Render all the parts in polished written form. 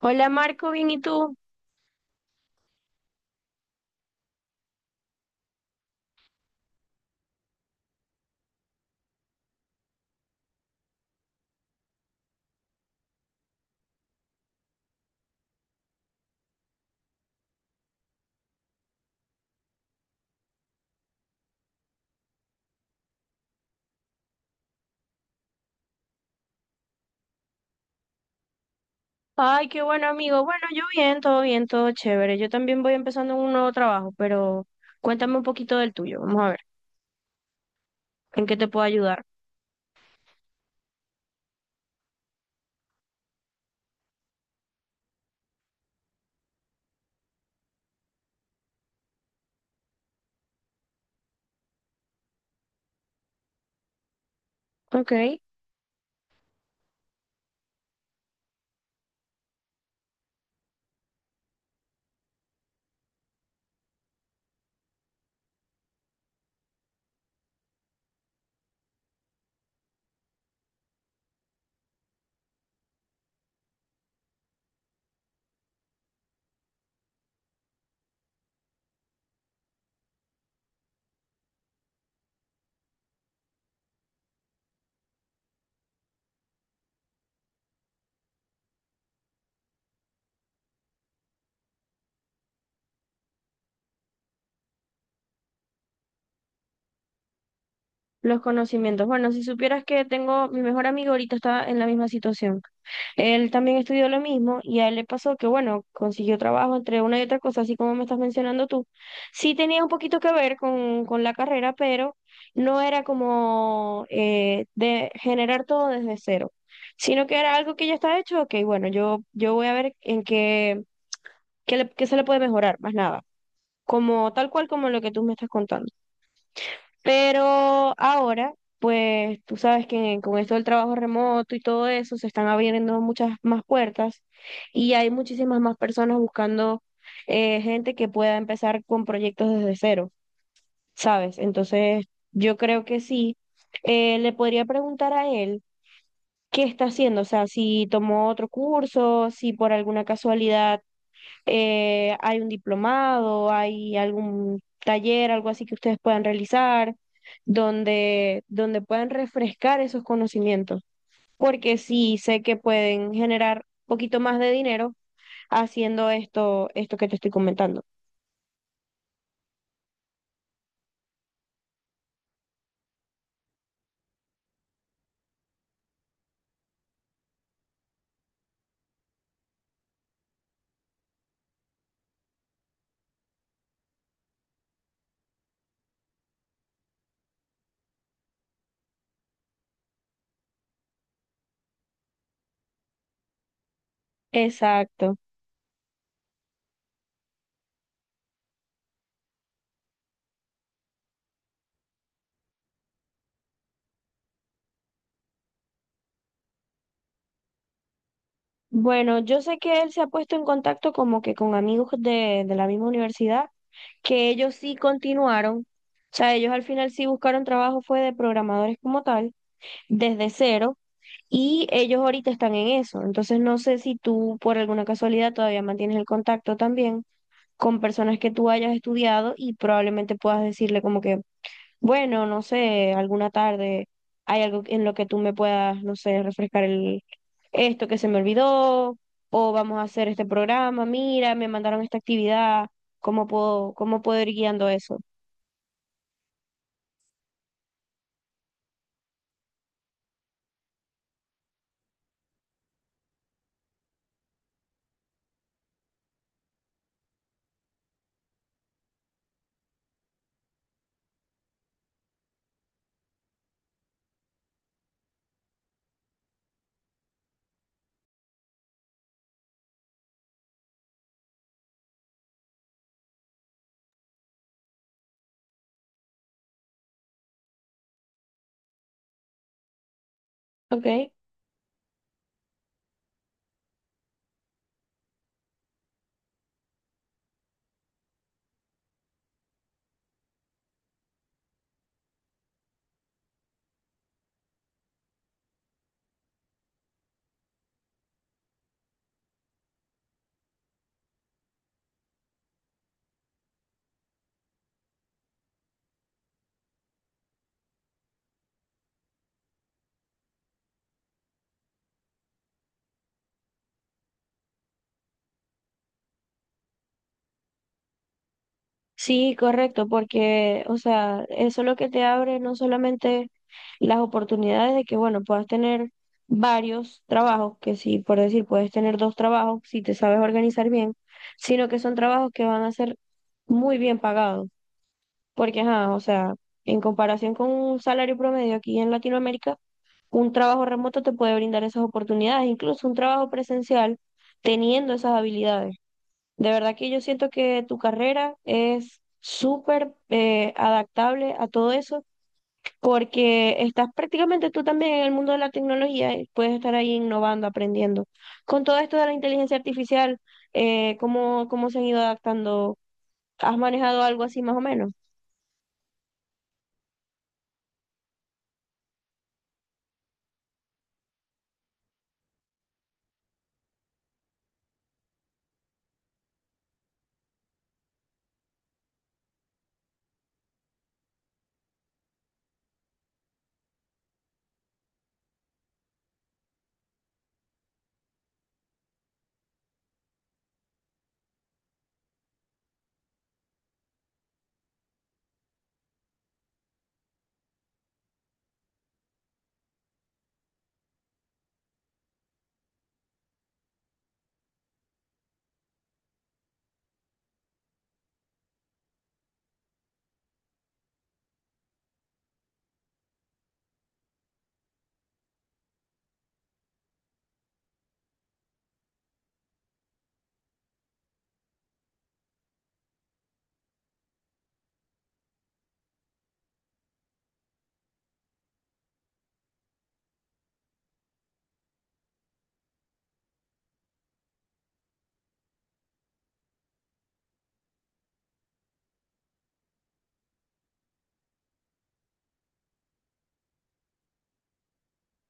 Hola Marco, bien, ¿y tú? Ay, qué bueno amigo. Bueno, yo bien, todo chévere. Yo también voy empezando un nuevo trabajo, pero cuéntame un poquito del tuyo. Vamos a ver, ¿en qué te puedo ayudar? Ok, los conocimientos. Bueno, si supieras que tengo, mi mejor amigo ahorita está en la misma situación. Él también estudió lo mismo y a él le pasó que, bueno, consiguió trabajo entre una y otra cosa, así como me estás mencionando tú. Sí tenía un poquito que ver con la carrera, pero no era como de generar todo desde cero, sino que era algo que ya está hecho. Ok, bueno, yo voy a ver en qué, qué se le puede mejorar, más nada, como tal cual como lo que tú me estás contando. Pero ahora, pues tú sabes que con esto del trabajo remoto y todo eso, se están abriendo muchas más puertas y hay muchísimas más personas buscando gente que pueda empezar con proyectos desde cero, ¿sabes? Entonces, yo creo que sí. Le podría preguntar a él qué está haciendo, o sea, si tomó otro curso, si por alguna casualidad hay un diplomado, hay algún taller, algo así que ustedes puedan realizar, donde puedan refrescar esos conocimientos, porque sí sé que pueden generar un poquito más de dinero haciendo esto, esto que te estoy comentando. Exacto. Bueno, yo sé que él se ha puesto en contacto como que con amigos de la misma universidad, que ellos sí continuaron, o sea, ellos al final sí buscaron trabajo, fue de programadores como tal, desde cero. Y ellos ahorita están en eso. Entonces no sé si tú por alguna casualidad todavía mantienes el contacto también con personas que tú hayas estudiado y probablemente puedas decirle como que, bueno, no sé, alguna tarde hay algo en lo que tú me puedas, no sé, refrescar el esto que se me olvidó o vamos a hacer este programa, mira, me mandaron esta actividad, cómo puedo ir guiando eso? Ok. Sí, correcto, porque, o sea, eso es lo que te abre no solamente las oportunidades de que, bueno, puedas tener varios trabajos, que sí, por decir, puedes tener dos trabajos si te sabes organizar bien, sino que son trabajos que van a ser muy bien pagados, porque, ajá, o sea, en comparación con un salario promedio aquí en Latinoamérica, un trabajo remoto te puede brindar esas oportunidades, incluso un trabajo presencial teniendo esas habilidades. De verdad que yo siento que tu carrera es súper adaptable a todo eso, porque estás prácticamente tú también en el mundo de la tecnología y puedes estar ahí innovando, aprendiendo. Con todo esto de la inteligencia artificial, ¿cómo, cómo se han ido adaptando? ¿Has manejado algo así más o menos?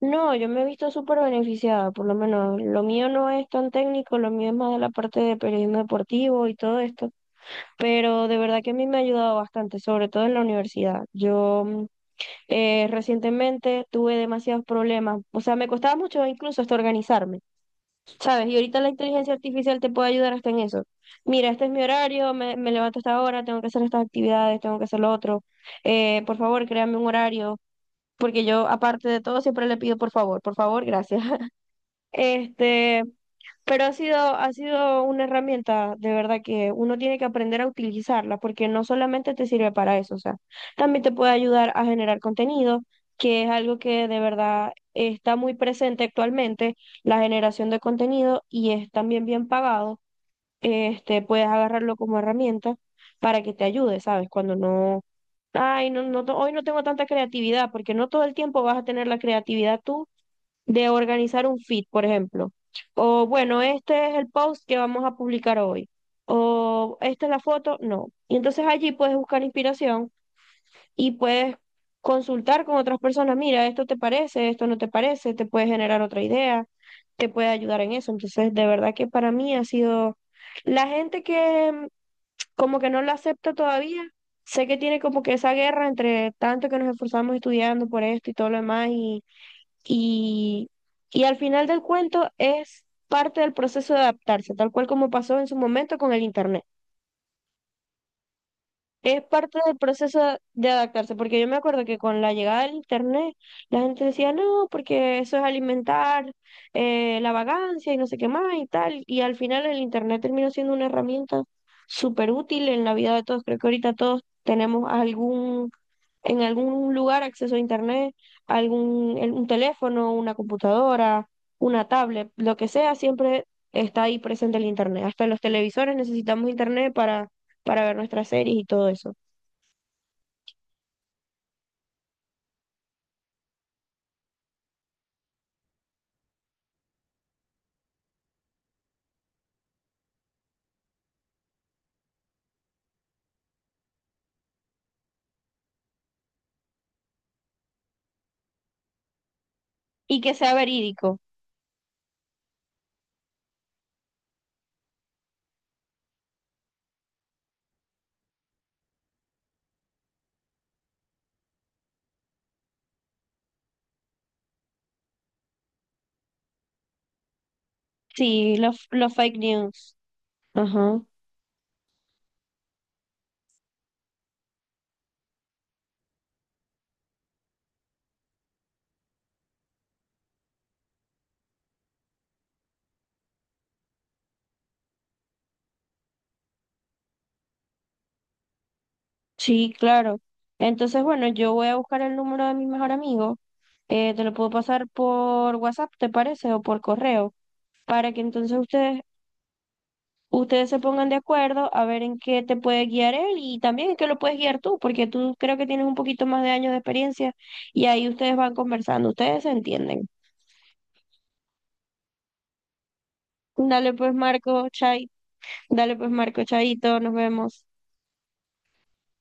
No, yo me he visto súper beneficiada, por lo menos lo mío no es tan técnico, lo mío es más de la parte de periodismo deportivo y todo esto, pero de verdad que a mí me ha ayudado bastante, sobre todo en la universidad. Yo recientemente tuve demasiados problemas, o sea, me costaba mucho incluso hasta organizarme, ¿sabes? Y ahorita la inteligencia artificial te puede ayudar hasta en eso. Mira, este es mi horario, me levanto a esta hora, tengo que hacer estas actividades, tengo que hacer lo otro. Por favor, créame un horario, porque yo, aparte de todo, siempre le pido por favor, gracias. Este, pero ha sido una herramienta de verdad que uno tiene que aprender a utilizarla porque no solamente te sirve para eso, o sea, también te puede ayudar a generar contenido, que es algo que de verdad está muy presente actualmente, la generación de contenido y es también bien pagado. Este, puedes agarrarlo como herramienta para que te ayude, ¿sabes? Cuando no, ay, hoy no tengo tanta creatividad porque no todo el tiempo vas a tener la creatividad tú de organizar un feed, por ejemplo. O bueno, este es el post que vamos a publicar hoy. O esta es la foto, no. Y entonces allí puedes buscar inspiración y puedes consultar con otras personas, mira, esto te parece, esto no te parece, te puede generar otra idea, te puede ayudar en eso. Entonces, de verdad que para mí ha sido la gente que como que no lo acepta todavía. Sé que tiene como que esa guerra entre tanto que nos esforzamos estudiando por esto y todo lo demás y, y al final del cuento es parte del proceso de adaptarse, tal cual como pasó en su momento con el Internet. Es parte del proceso de adaptarse, porque yo me acuerdo que con la llegada del Internet, la gente decía, no, porque eso es alimentar la vagancia y no sé qué más y tal. Y al final el Internet terminó siendo una herramienta súper útil en la vida de todos. Creo que ahorita todos tenemos algún en algún lugar acceso a internet, un teléfono, una computadora, una tablet, lo que sea, siempre está ahí presente el internet. Hasta los televisores necesitamos internet para ver nuestras series y todo eso. Y que sea verídico. Sí, los fake news. Ajá. Sí, claro. Entonces, bueno, yo voy a buscar el número de mi mejor amigo. Te lo puedo pasar por WhatsApp, ¿te parece? O por correo, para que entonces ustedes se pongan de acuerdo a ver en qué te puede guiar él y también en qué lo puedes guiar tú, porque tú creo que tienes un poquito más de años de experiencia y ahí ustedes van conversando, ustedes se entienden. Dale pues Marco, Chay, dale pues Marco, Chaito, nos vemos.